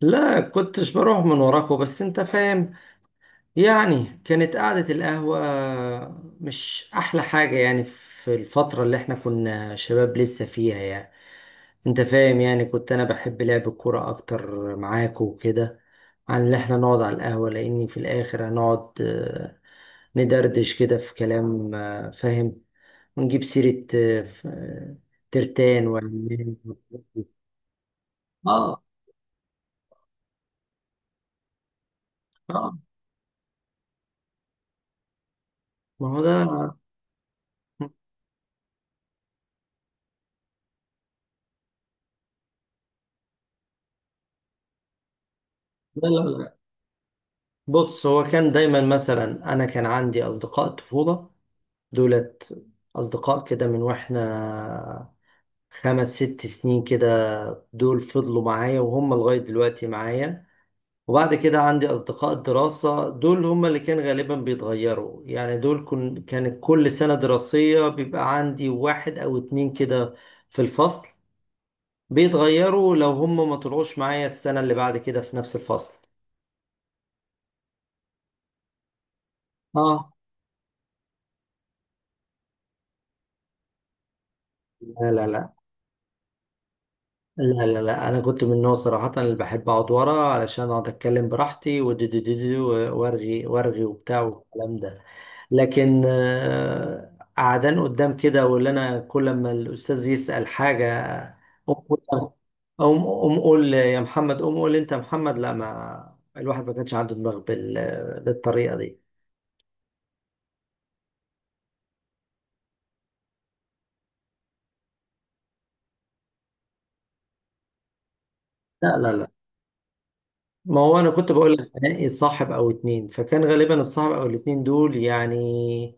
لا، كنتش بروح من وراكوا، بس انت فاهم يعني كانت قعدة القهوة مش احلى حاجة يعني في الفترة اللي احنا كنا شباب لسه فيها يعني، انت فاهم يعني كنت انا بحب لعب الكورة اكتر معاكوا وكده عن اللي احنا نقعد على القهوة، لاني في الاخر هنقعد، ندردش كده في كلام، فاهم، ونجيب سيرة ترتان وعمان. اه، اه، ما هو ده. لا، لا، لا، بص هو كان دايما مثلا، انا كان عندي اصدقاء طفوله، دولت اصدقاء كده من واحنا 5 6 سنين كده، دول فضلوا معايا وهم لغايه دلوقتي معايا. وبعد كده عندي اصدقاء دراسه، دول هم اللي كان غالبا بيتغيروا يعني، دول كانت كل سنه دراسيه بيبقى عندي واحد او اتنين كده في الفصل، بيتغيروا لو هم ما طلعوش معايا السنه اللي بعد كده في نفس الفصل. اه، لا، لا، لا. لا، لا، لا، انا كنت من النوع صراحه اللي بحب اقعد ورا علشان اقعد اتكلم براحتي وارغي وارغي وبتاع والكلام ده. لكن قعدان قدام كده، واللي انا كل ما الاستاذ يسال حاجه، قوم قول- قوم قوم قول يا محمد، قوم قول انت يا محمد، لا، ما الواحد ما كانش عنده دماغ بالطريقه دي. لا، لا، لا، ما هو انا كنت بقول لك انقي صاحب او اتنين، فكان غالبا الصاحب او الاتنين دول يعني.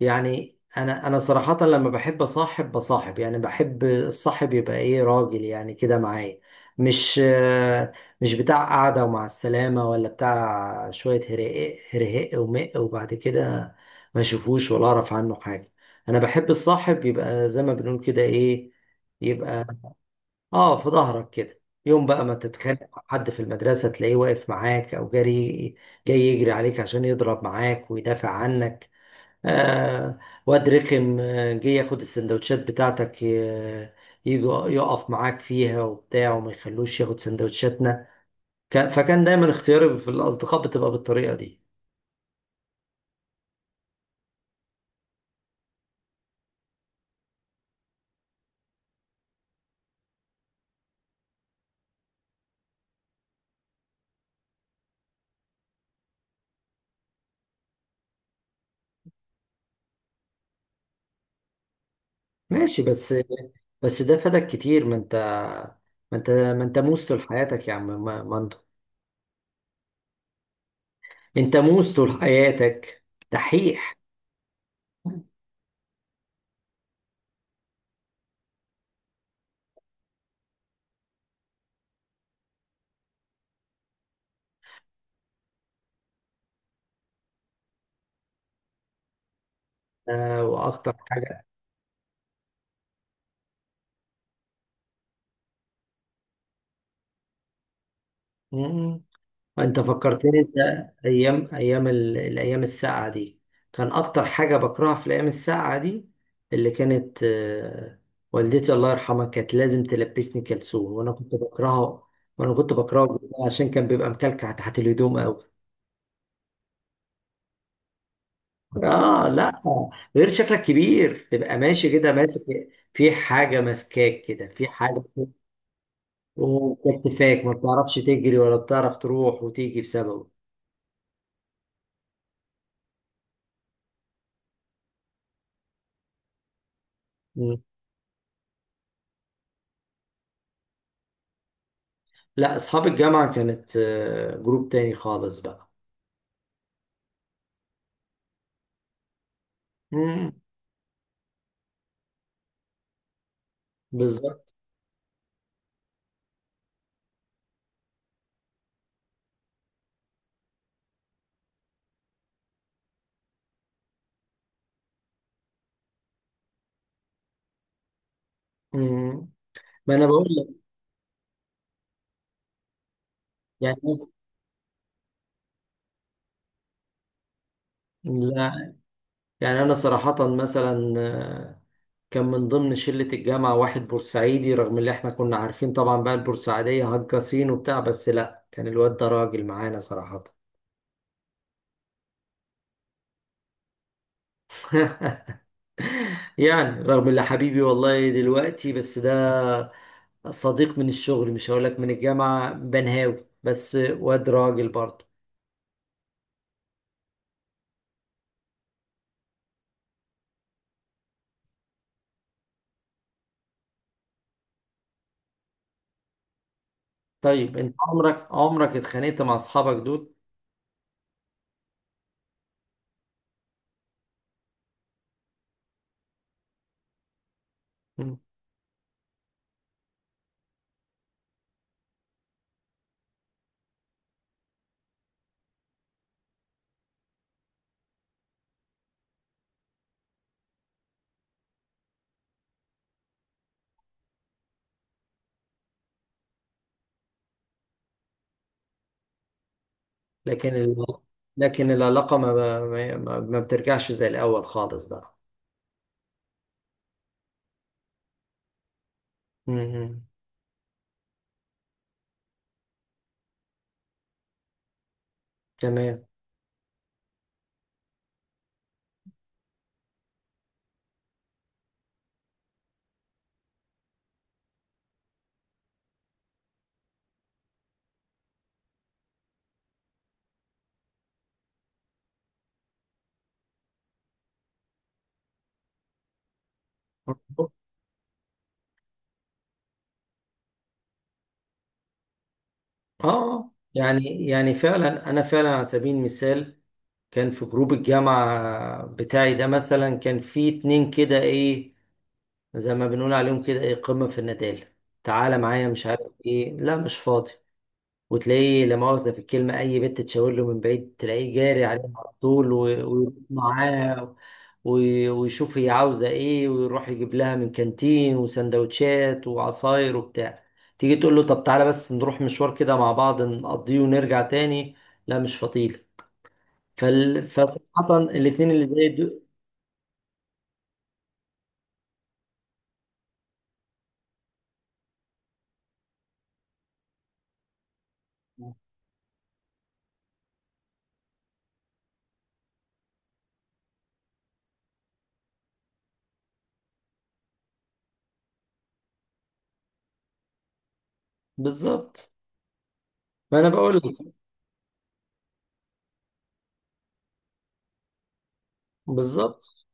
يعني انا صراحة، لما بحب اصاحب بصاحب يعني بحب الصاحب يبقى ايه، راجل يعني كده معايا. مش آه، مش بتاع قعدة ومع السلامة، ولا بتاع شوية هرهق هرهق ومق وبعد كده ما اشوفوش ولا اعرف عنه حاجة. انا بحب الصاحب يبقى زي ما بنقول كده ايه، يبقى. اه، في ظهرك كده. يوم بقى ما تتخانق مع حد في المدرسة تلاقيه واقف معاك او جري، جاي يجري عليك عشان يضرب معاك ويدافع عنك. آه، واد رخم جه ياخد السندوتشات بتاعتك، يجوا يقف معاك فيها وبتاع، وما يخلوش ياخد سندوتشاتنا. فكان دايما اختياري في الأصدقاء بتبقى بالطريقة دي. ماشي بس. بس ده فادك كتير، ما انت موس طول حياتك يا عم، مندو. انت موس طول حياتك، دحيح. آه، واكتر حاجة، انت فكرتني انت. ايام ايام الايام الساقعه دي، كان اكتر حاجه بكرهها في الايام الساقعه دي، اللي كانت والدتي الله يرحمها كانت لازم تلبسني كلسون وانا كنت بكرهه. وانا كنت بكرهه جداً عشان كان بيبقى مكلكع تحت الهدوم قوي. اه، لا، غير شكلك كبير تبقى ماشي كده ماسك في حاجه، ماسكاك كده في حاجه. وكتفاك ما بتعرفش تجري ولا بتعرف تروح وتيجي بسببه. لا، اصحاب الجامعه كانت جروب تاني خالص بقى. امم. بالظبط. امم. ما انا بقول لك. يعني لا، يعني انا صراحه مثلا كان من ضمن شله الجامعه واحد بورسعيدي، رغم اللي احنا كنا عارفين طبعا بقى البورسعيديه هجاصين وبتاع، بس لا، كان الواد ده راجل معانا صراحه. يعني رغم اللي، حبيبي والله دلوقتي بس ده صديق من الشغل، مش هقول لك من الجامعه، بنهاوي بس واد راجل برضه. طيب انت عمرك اتخانقت مع اصحابك دول؟ مم. لكن لكن العلاقة ما بترجعش زي الاول خالص بقى. مم. تمام. اه، يعني فعلا، انا فعلا على سبيل المثال كان في جروب الجامعة بتاعي ده مثلا، كان في اتنين كده ايه زي ما بنقول عليهم كده ايه، قمة في الندالة. تعالى معايا، مش عارف ايه، لا مش فاضي. وتلاقيه، لا مؤاخذة في الكلمة، أي بنت تشاور له من بعيد تلاقيه جاري عليها على طول، ويروح معاها، ويشوف هي عاوزة إيه، ويروح يجيب لها من كانتين، وسندوتشات وعصاير وبتاع. تيجي تقول له، طب تعالى بس نروح مشوار كده مع بعض نقضيه ونرجع تاني، لا مش فضيلة. فصراحة الاتنين اللي زي دول، بالظبط. ما أنا بقول لك. بالظبط،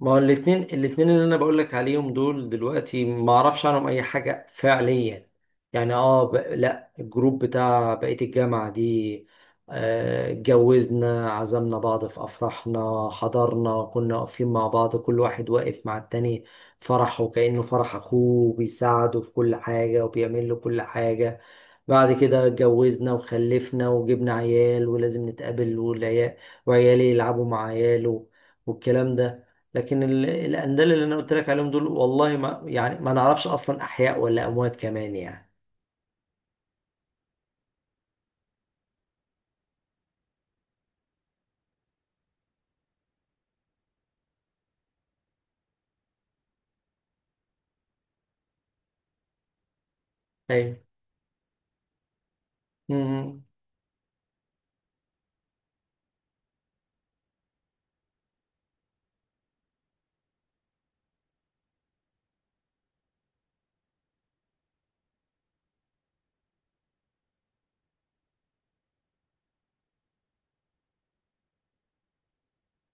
ما هو الاتنين اللي انا بقولك عليهم دول دلوقتي ما اعرفش عنهم اي حاجة فعليا. يعني اه، لا، الجروب بتاع بقية الجامعة دي، اتجوزنا، عزمنا بعض في افراحنا، حضرنا، كنا واقفين مع بعض، كل واحد واقف مع التاني فرحه كأنه فرح اخوه، بيساعده في كل حاجة وبيعمل له كل حاجة. بعد كده اتجوزنا وخلفنا وجبنا عيال، ولازم نتقابل والعيال، وعيالي يلعبوا مع عياله والكلام ده. لكن الأندال اللي أنا قلت لك عليهم دول، والله ما يعني، ما نعرفش أصلا أحياء ولا أموات كمان يعني. أيوة. مم.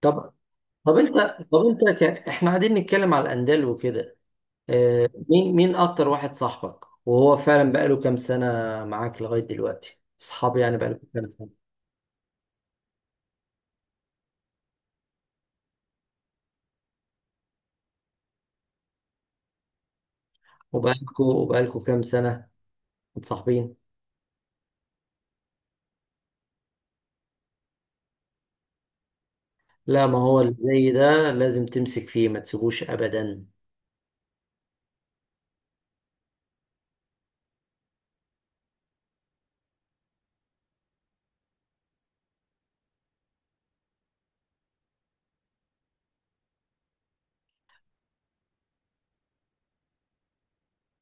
طب طب أنت إحنا قاعدين نتكلم على الأندال وكده، مين أكتر واحد صاحبك وهو فعلا بقاله كام سنة معاك لغاية دلوقتي؟ أصحابي يعني بقاله كام سنة؟ وبقالكوا كام سنة متصاحبين؟ لا، ما هو اللي زي ده لازم تمسك فيه، ما تسيبوش ابدا.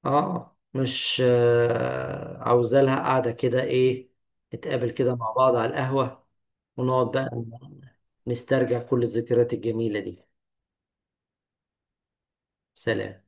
اه، مش عاوزة لها قاعدة كده ايه، نتقابل كده مع بعض على القهوة، ونقعد بقى نسترجع كل الذكريات الجميلة دي. سلام.